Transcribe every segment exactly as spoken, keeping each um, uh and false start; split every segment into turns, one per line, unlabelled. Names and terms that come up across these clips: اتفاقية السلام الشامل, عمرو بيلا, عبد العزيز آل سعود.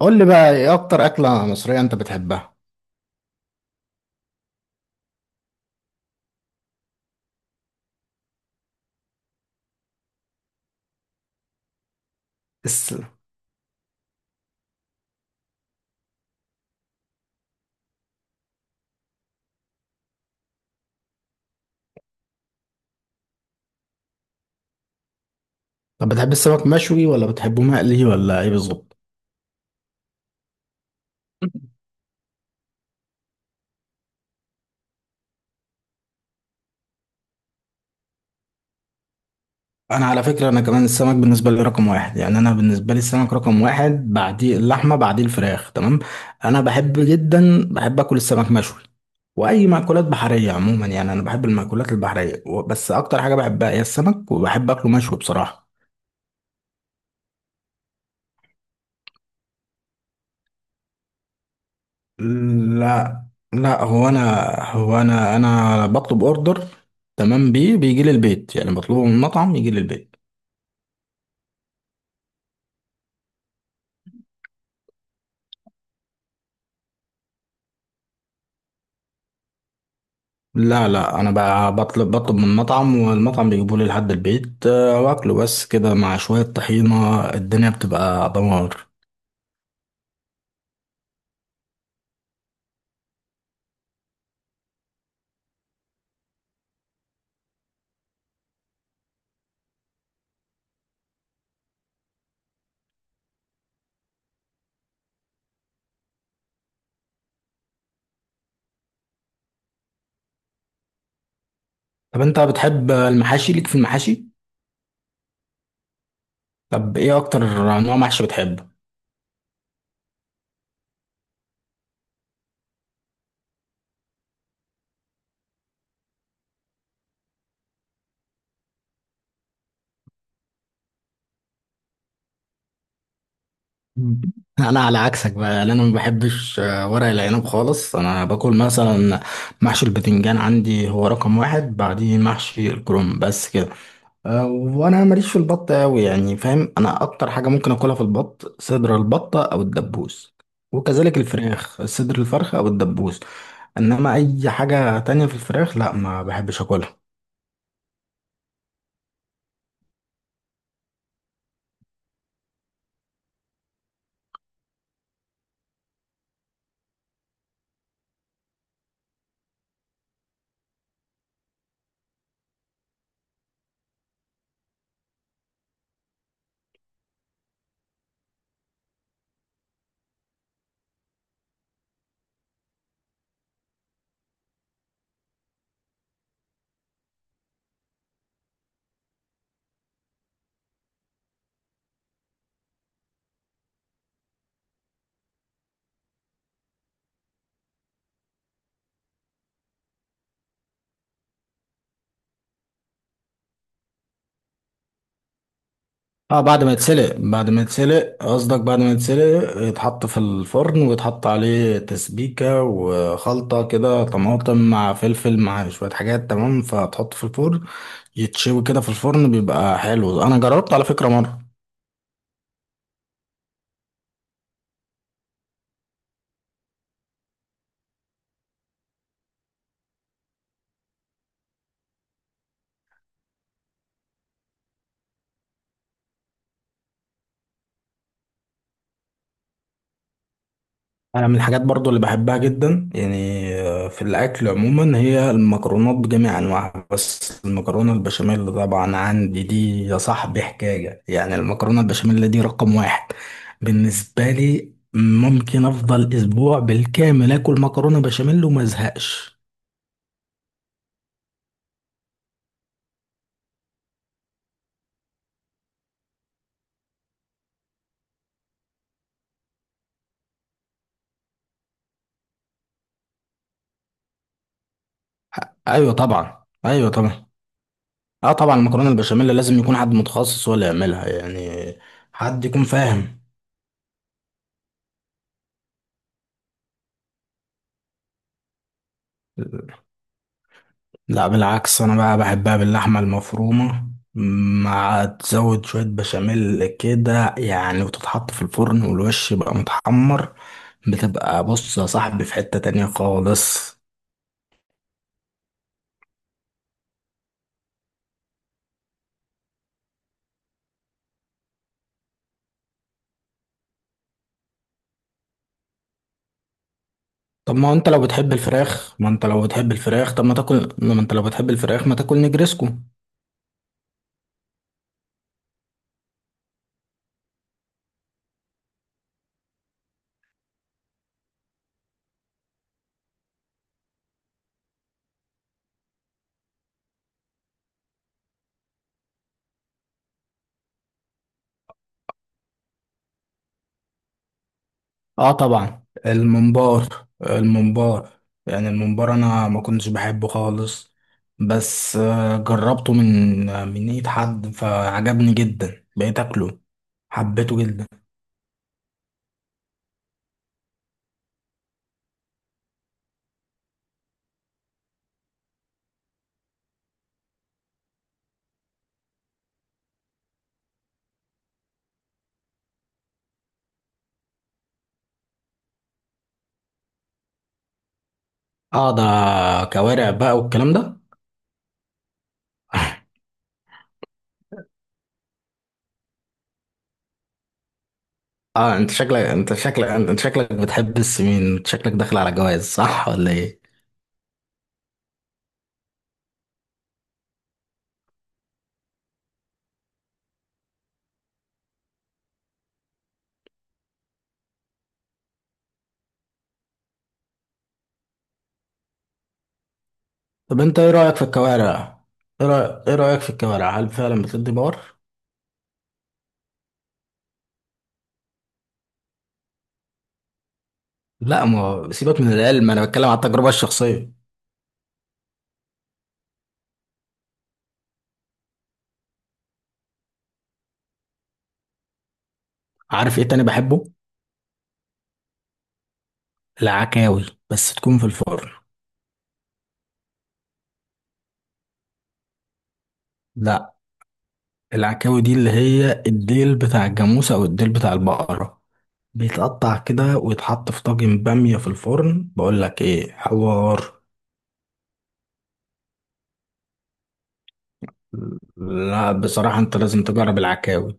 قول لي بقى ايه اكتر اكله مصريه انت بتحبها. الس... طب بتحب السمك مشوي ولا بتحبه مقلي ولا ايه بالظبط؟ انا على فكره انا كمان السمك بالنسبه لي رقم واحد، يعني انا بالنسبه لي السمك رقم واحد، بعديه اللحمه، بعديه الفراخ، تمام. انا بحب جدا، بحب اكل السمك مشوي، واي مأكولات بحريه عموما، يعني انا بحب المأكولات البحريه و- بس اكتر حاجه بحبها هي السمك، وبحب اكله مشوي بصراحه. لا. لا هو انا هو انا انا بطلب اوردر، تمام بيه، بيجي لي البيت، يعني بطلبه من المطعم يجي لي البيت. لا، لا انا بقى بطلب بطلب من المطعم والمطعم بيجيبه لي لحد البيت، آه، واكله بس كده مع شوية طحينة، الدنيا بتبقى دمار. طب انت بتحب المحاشي؟ ليك في المحاشي؟ طب ايه اكتر نوع محشي بتحبه؟ مم. انا على عكسك بقى، لأن انا ما بحبش آه، ورق العنب خالص. انا باكل مثلا محشي البتنجان، عندي هو رقم واحد، بعديه محشي الكرنب، بس كده. آه، وانا ماليش في البط قوي يعني، فاهم؟ انا اكتر حاجه ممكن اكلها في البط، صدر البطه او الدبوس، وكذلك الفراخ صدر الفرخه او الدبوس. انما اي حاجه تانية في الفراخ لا، ما بحبش اكلها. اه، بعد ما يتسلق، بعد ما يتسلق قصدك بعد ما يتسلق يتحط في الفرن ويتحط عليه تسبيكة وخلطة كده طماطم مع فلفل مع شوية حاجات، تمام، فتحط في الفرن. يتشوي كده في الفرن بيبقى حلو، انا جربت على فكرة مرة. انا من الحاجات برضو اللي بحبها جدا يعني، آه، في الاكل عموما هي المكرونات بجميع انواعها، بس المكرونه البشاميل طبعا عندي دي يا صاحبي حكايه. يعني المكرونه البشاميل دي رقم واحد بالنسبه لي. ممكن افضل اسبوع بالكامل اكل مكرونه بشاميل وما ازهقش. ايوه طبعا، ايوه طبعا. اه طبعا، المكرونه البشاميل لازم يكون حد متخصص ولا يعملها يعني، حد يكون فاهم. لا بالعكس، انا بقى بحبها باللحمه المفرومه، مع تزود شويه بشاميل كده يعني، وتتحط في الفرن والوش يبقى متحمر. بتبقى بص يا صاحبي في حته تانية خالص. طب ما انت لو بتحب الفراخ، ما انت لو بتحب الفراخ طب ما تاكل ما انت لو بتحب الفراخ ما تاكل نجرسكو. اه طبعا، الممبار، الممبار يعني الممبار انا ما كنتش بحبه خالص، بس آه، جربته من آه، من ايد حد فعجبني جدا، بقيت اكله، حبيته جدا. اه، ده كوارع بقى والكلام ده. اه، انت شكلك انت شكلك انت شكلك بتحب السمين، انت شكلك داخل على جواز، صح ولا ايه؟ طب انت ايه رأيك في الكوارع؟ ايه رأيك, إيه رأيك في الكوارع؟ هل فعلا بتدي باور؟ لا، ما هو سيبك من العلم، انا بتكلم على التجربة الشخصية. عارف ايه تاني بحبه؟ العكاوي، بس تكون في الفرن. لا، العكاوي دي اللي هي الديل بتاع الجاموسة او الديل بتاع البقرة، بيتقطع كده ويتحط في طاجن بامية في الفرن، بقول لك ايه حوار. لا بصراحة انت لازم تجرب العكاوي.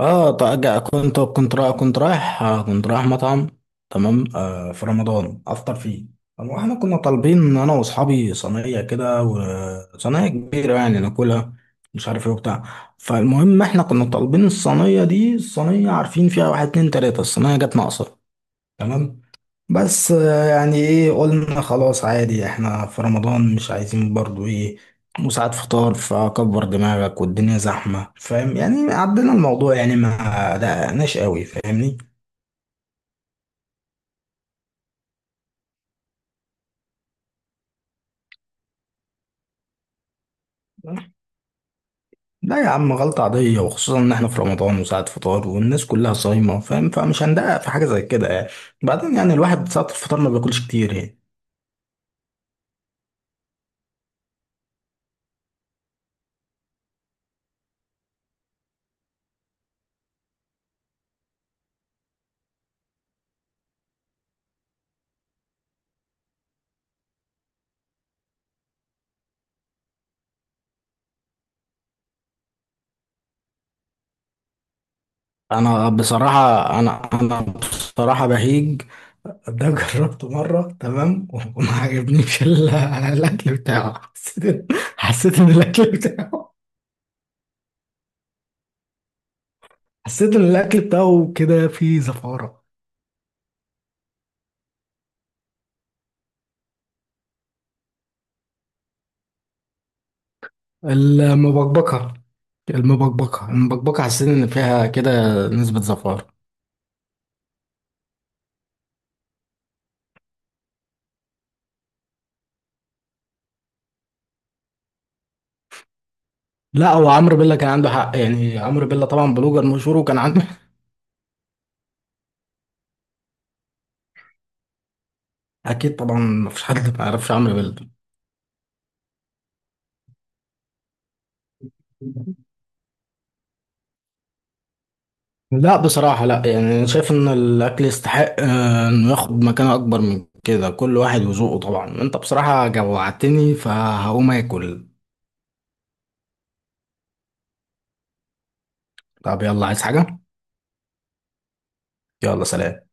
اه طيب، كنت كنت رايح كنت رايح آه، كنت رايح مطعم، تمام، آه، في رمضان افطر فيه. طب واحنا كنا طالبين انا واصحابي صينيه كده، وصينيه كبيره يعني ناكلها، مش عارف ايه وبتاع. فالمهم احنا كنا طالبين الصينيه دي، الصينيه عارفين فيها واحد اتنين تلاته، الصينيه جت ناقصه، تمام. بس آه، يعني ايه، قلنا خلاص عادي، احنا في رمضان مش عايزين برضو ايه، وساعات فطار فكبر دماغك والدنيا زحمة، فاهم يعني؟ عدينا الموضوع يعني، ما دققناش قوي، فاهمني. لا يا عم، غلطة عادية، وخصوصا ان احنا في رمضان وساعة فطار والناس كلها صايمة، فاهم، فمش هندقق في حاجة زي كده يعني. بعدين يعني الواحد ساعة الفطار ما بياكلش كتير يعني. انا بصراحة انا انا بصراحة بهيج ده جربته مرة، تمام، وما عجبنيش ال- الأكل بتاعه. حسيت إن- حسيت إن الأكل بتاعه حسيت إن الأكل بتاعه كده فيه زفارة. المبكبكة المبكبكة المبكبكة حسيت إن فيها كده نسبة زفارة. لا هو عمرو بيلا كان عنده حق، يعني عمرو بيلا طبعا بلوجر مشهور وكان عنده أكيد طبعا، مفيش حد ما يعرفش عمرو بيلا. لا بصراحة لا، يعني أنا شايف إن الأكل يستحق، آه، إنه ياخد مكانة أكبر من كده، كل واحد وذوقه طبعا، أنت بصراحة جوعتني، فهقوم آكل. طب يلا، عايز حاجة؟ يلا سلام.